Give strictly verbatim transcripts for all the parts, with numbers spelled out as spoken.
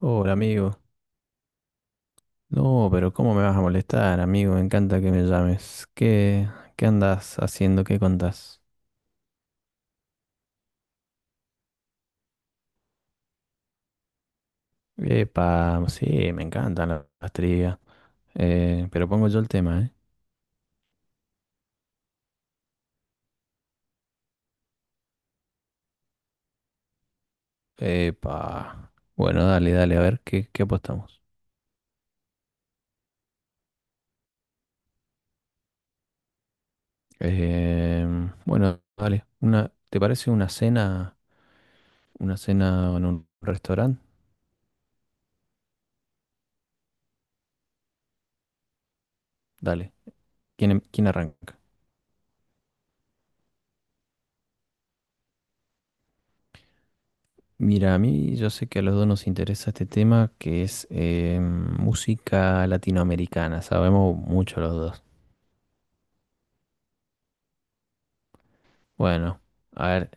Hola amigo, no, pero ¿cómo me vas a molestar, amigo? Me encanta que me llames. ¿Qué, qué andas haciendo? ¿Qué contás? Epa, sí, me encantan la- las trivias. Eh, pero pongo yo el tema, ¿eh? Epa. Bueno, dale, dale, a ver, ¿qué, qué apostamos? Em, bueno, dale. Una, ¿te parece una cena, una cena en un restaurante? Dale. ¿Quién, em- quién arranca? Mira, a mí yo sé que a los dos nos interesa este tema que es eh, música latinoamericana. Sabemos mucho los dos. Bueno, a ver,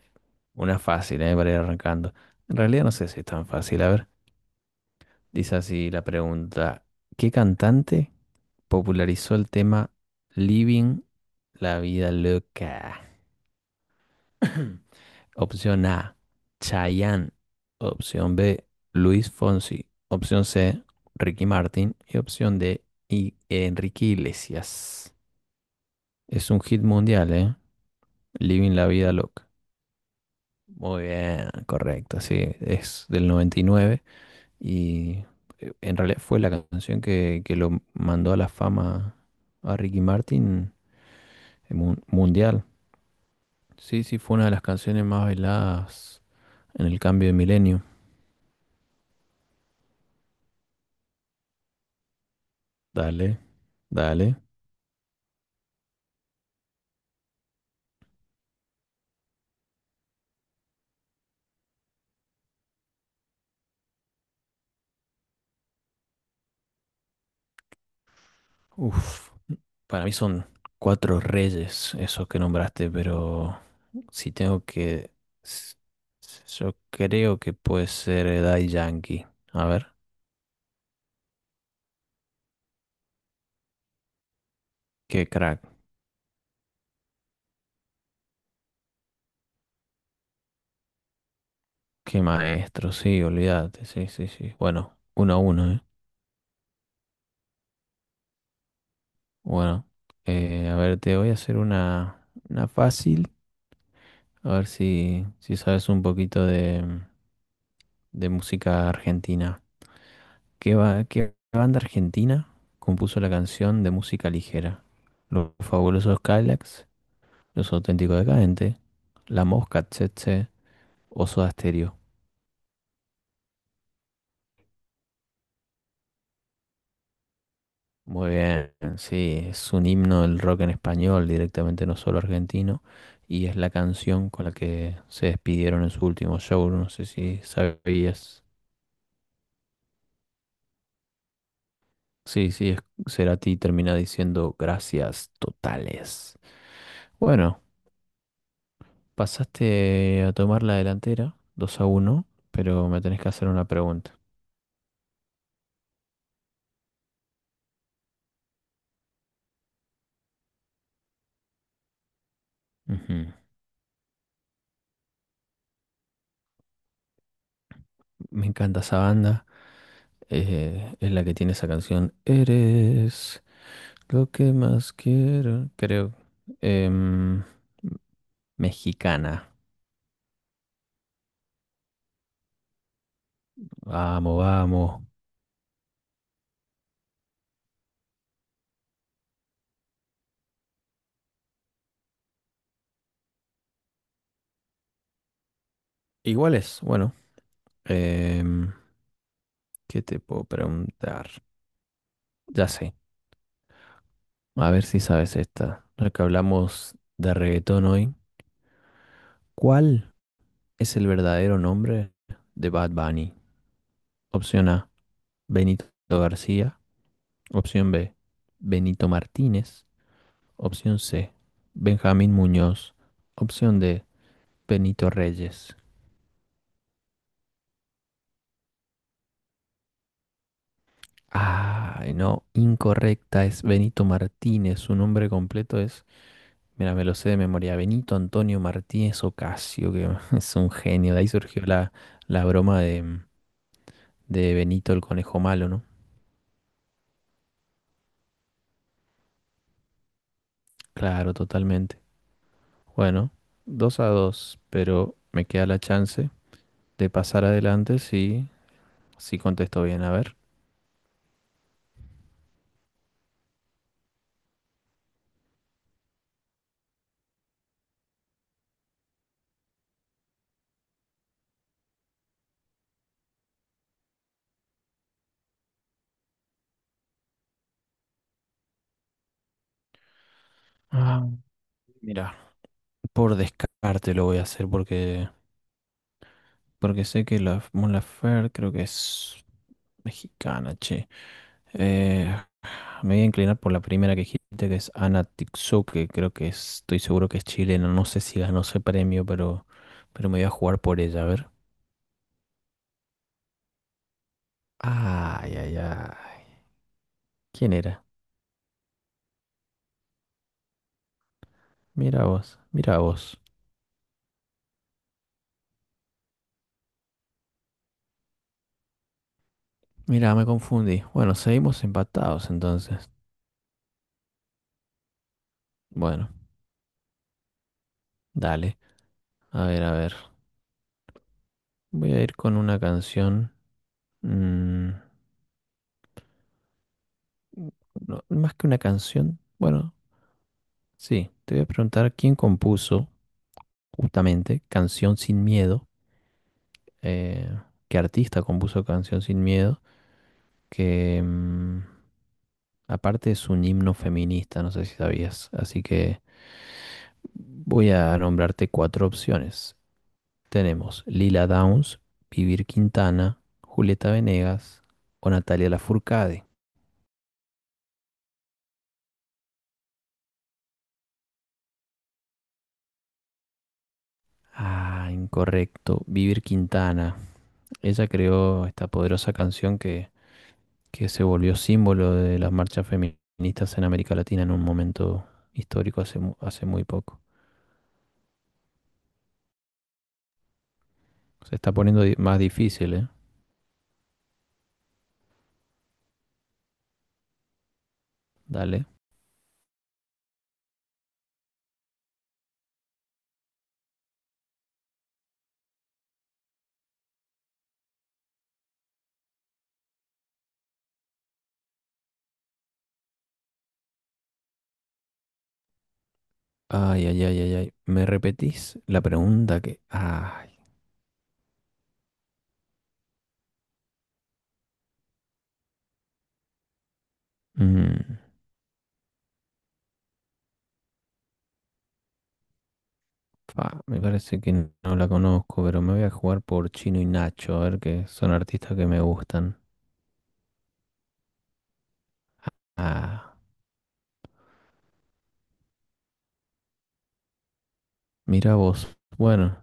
una fácil, eh, para ir arrancando. En realidad no sé si es tan fácil. A ver, dice así la pregunta. ¿Qué cantante popularizó el tema Living la vida loca? Opción A, Chayanne. Opción B, Luis Fonsi. Opción C, Ricky Martin. Y opción D, I- Enrique Iglesias. Es un hit mundial, ¿eh? Living la vida loca. Muy bien, correcto. Sí, es del noventa y nueve y nueve y eh, en realidad fue la canción que, que lo mandó a la fama a Ricky Martin eh, mun- mundial. Sí, sí, fue una de las canciones más bailadas en el cambio de milenio. Dale, dale. Uf, para mí son cuatro reyes esos que nombraste, pero si tengo que... s- Yo creo que puede ser eh, Daddy Yankee. A ver, qué crack, qué maestro, sí, olvídate, sí, sí, sí. Bueno, uno a uno, ¿eh? Bueno, eh, a ver, te voy a hacer una, una fácil, a ver si, si sabes un poquito de, de música argentina. ¿Qué, ba- qué banda argentina compuso la canción de música ligera? Los fabulosos Cadillacs, Los auténticos decadentes, La Mosca, Tsetse, o Soda Stereo. Muy bien, sí, es un himno del rock en español, directamente no solo argentino, y es la canción con la que se despidieron en su último show, no sé si sabías. Sí, sí, es- Cerati termina diciendo gracias totales. Bueno. Pasaste a tomar la delantera, dos a uno, pero me tenés que hacer una pregunta. Ujú. Me encanta esa banda. Eh, es la que tiene esa canción. Eres lo que más quiero, creo. Em, Mexicana. Vamos, vamos. Igual es, bueno. em, ¿Qué te puedo preguntar? Ya sé. A ver si sabes esta. Ya que hablamos de reggaetón hoy. ¿Cuál es el verdadero nombre de Bad Bunny? Opción A, Benito García. Opción B, Benito Martínez. Opción C, Benjamín Muñoz. Opción D, Benito Reyes. Ay, no, incorrecta, es Benito Martínez. Su nombre completo es, mira, me lo sé de memoria, Benito Antonio Martínez Ocasio, que es un genio. De ahí surgió la, la broma de, de Benito el Conejo Malo, ¿no? Claro, totalmente. Bueno, dos a dos, pero me queda la chance de pasar adelante si, si contesto bien. A ver. Ah, mira, por descarte lo voy a hacer porque, porque sé que la Mon Laferte creo que es mexicana, che. Eh, Me voy a inclinar por la primera que dijiste, que es Ana Tixou, que creo que es- estoy seguro que es chilena. No sé si ganó ese premio, pero, pero me voy a jugar por ella, a ver. Ay, ay, ay. ¿Quién era? Mira vos, mira vos. Mira, me confundí. Bueno, seguimos empatados entonces. Bueno, dale. A ver, a ver. Voy a ir con una canción. mm, no, más que una canción. Bueno, sí. Te voy a preguntar quién compuso justamente Canción sin Miedo. eh, ¿Qué artista compuso Canción sin Miedo? Que mm, aparte es un himno feminista, no sé si sabías. Así que voy a nombrarte cuatro opciones. Tenemos Lila Downs, Vivir Quintana, Julieta Venegas o Natalia Lafourcade. Ah, incorrecto. Vivir Quintana. Ella creó esta poderosa canción que, que se volvió símbolo de las marchas feministas en América Latina en un momento histórico hace, mu- hace muy poco. Se está poniendo di- más difícil, ¿eh? Dale. Ay, ay, ay, ay, ay. ¿Me repetís la pregunta que...? Ay, mm, fa, me parece que no la conozco, pero me voy a jugar por Chino y Nacho, a ver que son artistas que me gustan. Ah, mira vos. Bueno,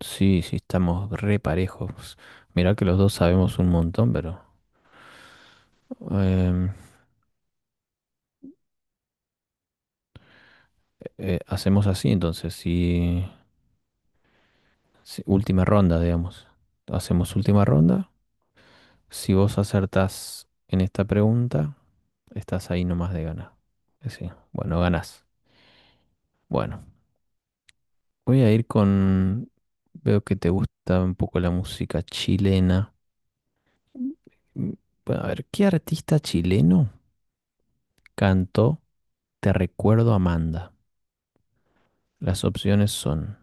sí, sí, estamos re parejos. Mirá que los dos sabemos un montón, pero em, eh, hacemos así entonces, si, si- última ronda, digamos. Hacemos última ronda. Si vos acertás en esta pregunta, estás ahí nomás de ganar. Eh, Sí, bueno, ganás. Bueno, voy a ir con... Veo que te gusta un poco la música chilena. Mm, Bueno, a ver, ¿qué artista chileno cantó Te recuerdo Amanda? Las opciones son...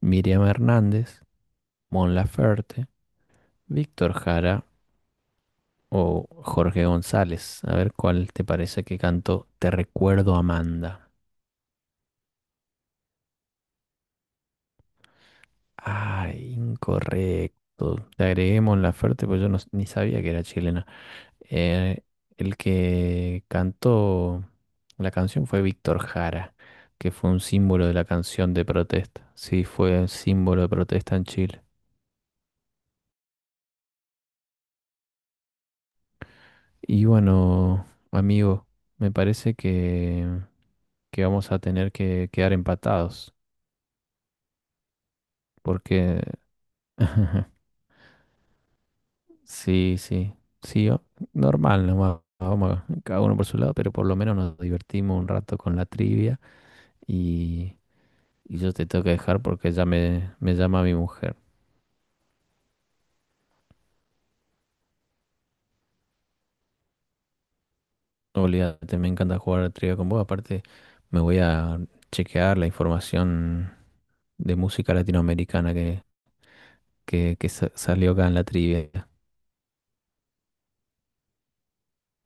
Miriam Hernández, Mon Laferte, Víctor Jara o Jorge González. A ver cuál te parece que cantó. Te recuerdo, Amanda. Ay, incorrecto. Te agregué Mon Laferte, pues yo no, ni sabía que era chilena. Eh, el que cantó la canción fue Víctor Jara, que fue un símbolo de la canción de protesta. Sí, fue un símbolo de protesta en Chile. Y bueno, amigo, me parece que que vamos a tener que quedar empatados, porque sí, sí, sí, o- normal nomás. Vamos a- cada uno por su lado, pero por lo menos nos divertimos un rato con la trivia y, y yo te tengo que dejar porque ya me, me llama mi mujer. Olvídate, me encanta jugar a la trivia con vos. Aparte, me voy a chequear la información de música latinoamericana que, que, que sa- salió acá en la trivia.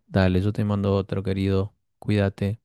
Dale, yo te mando otro, querido. Cuídate.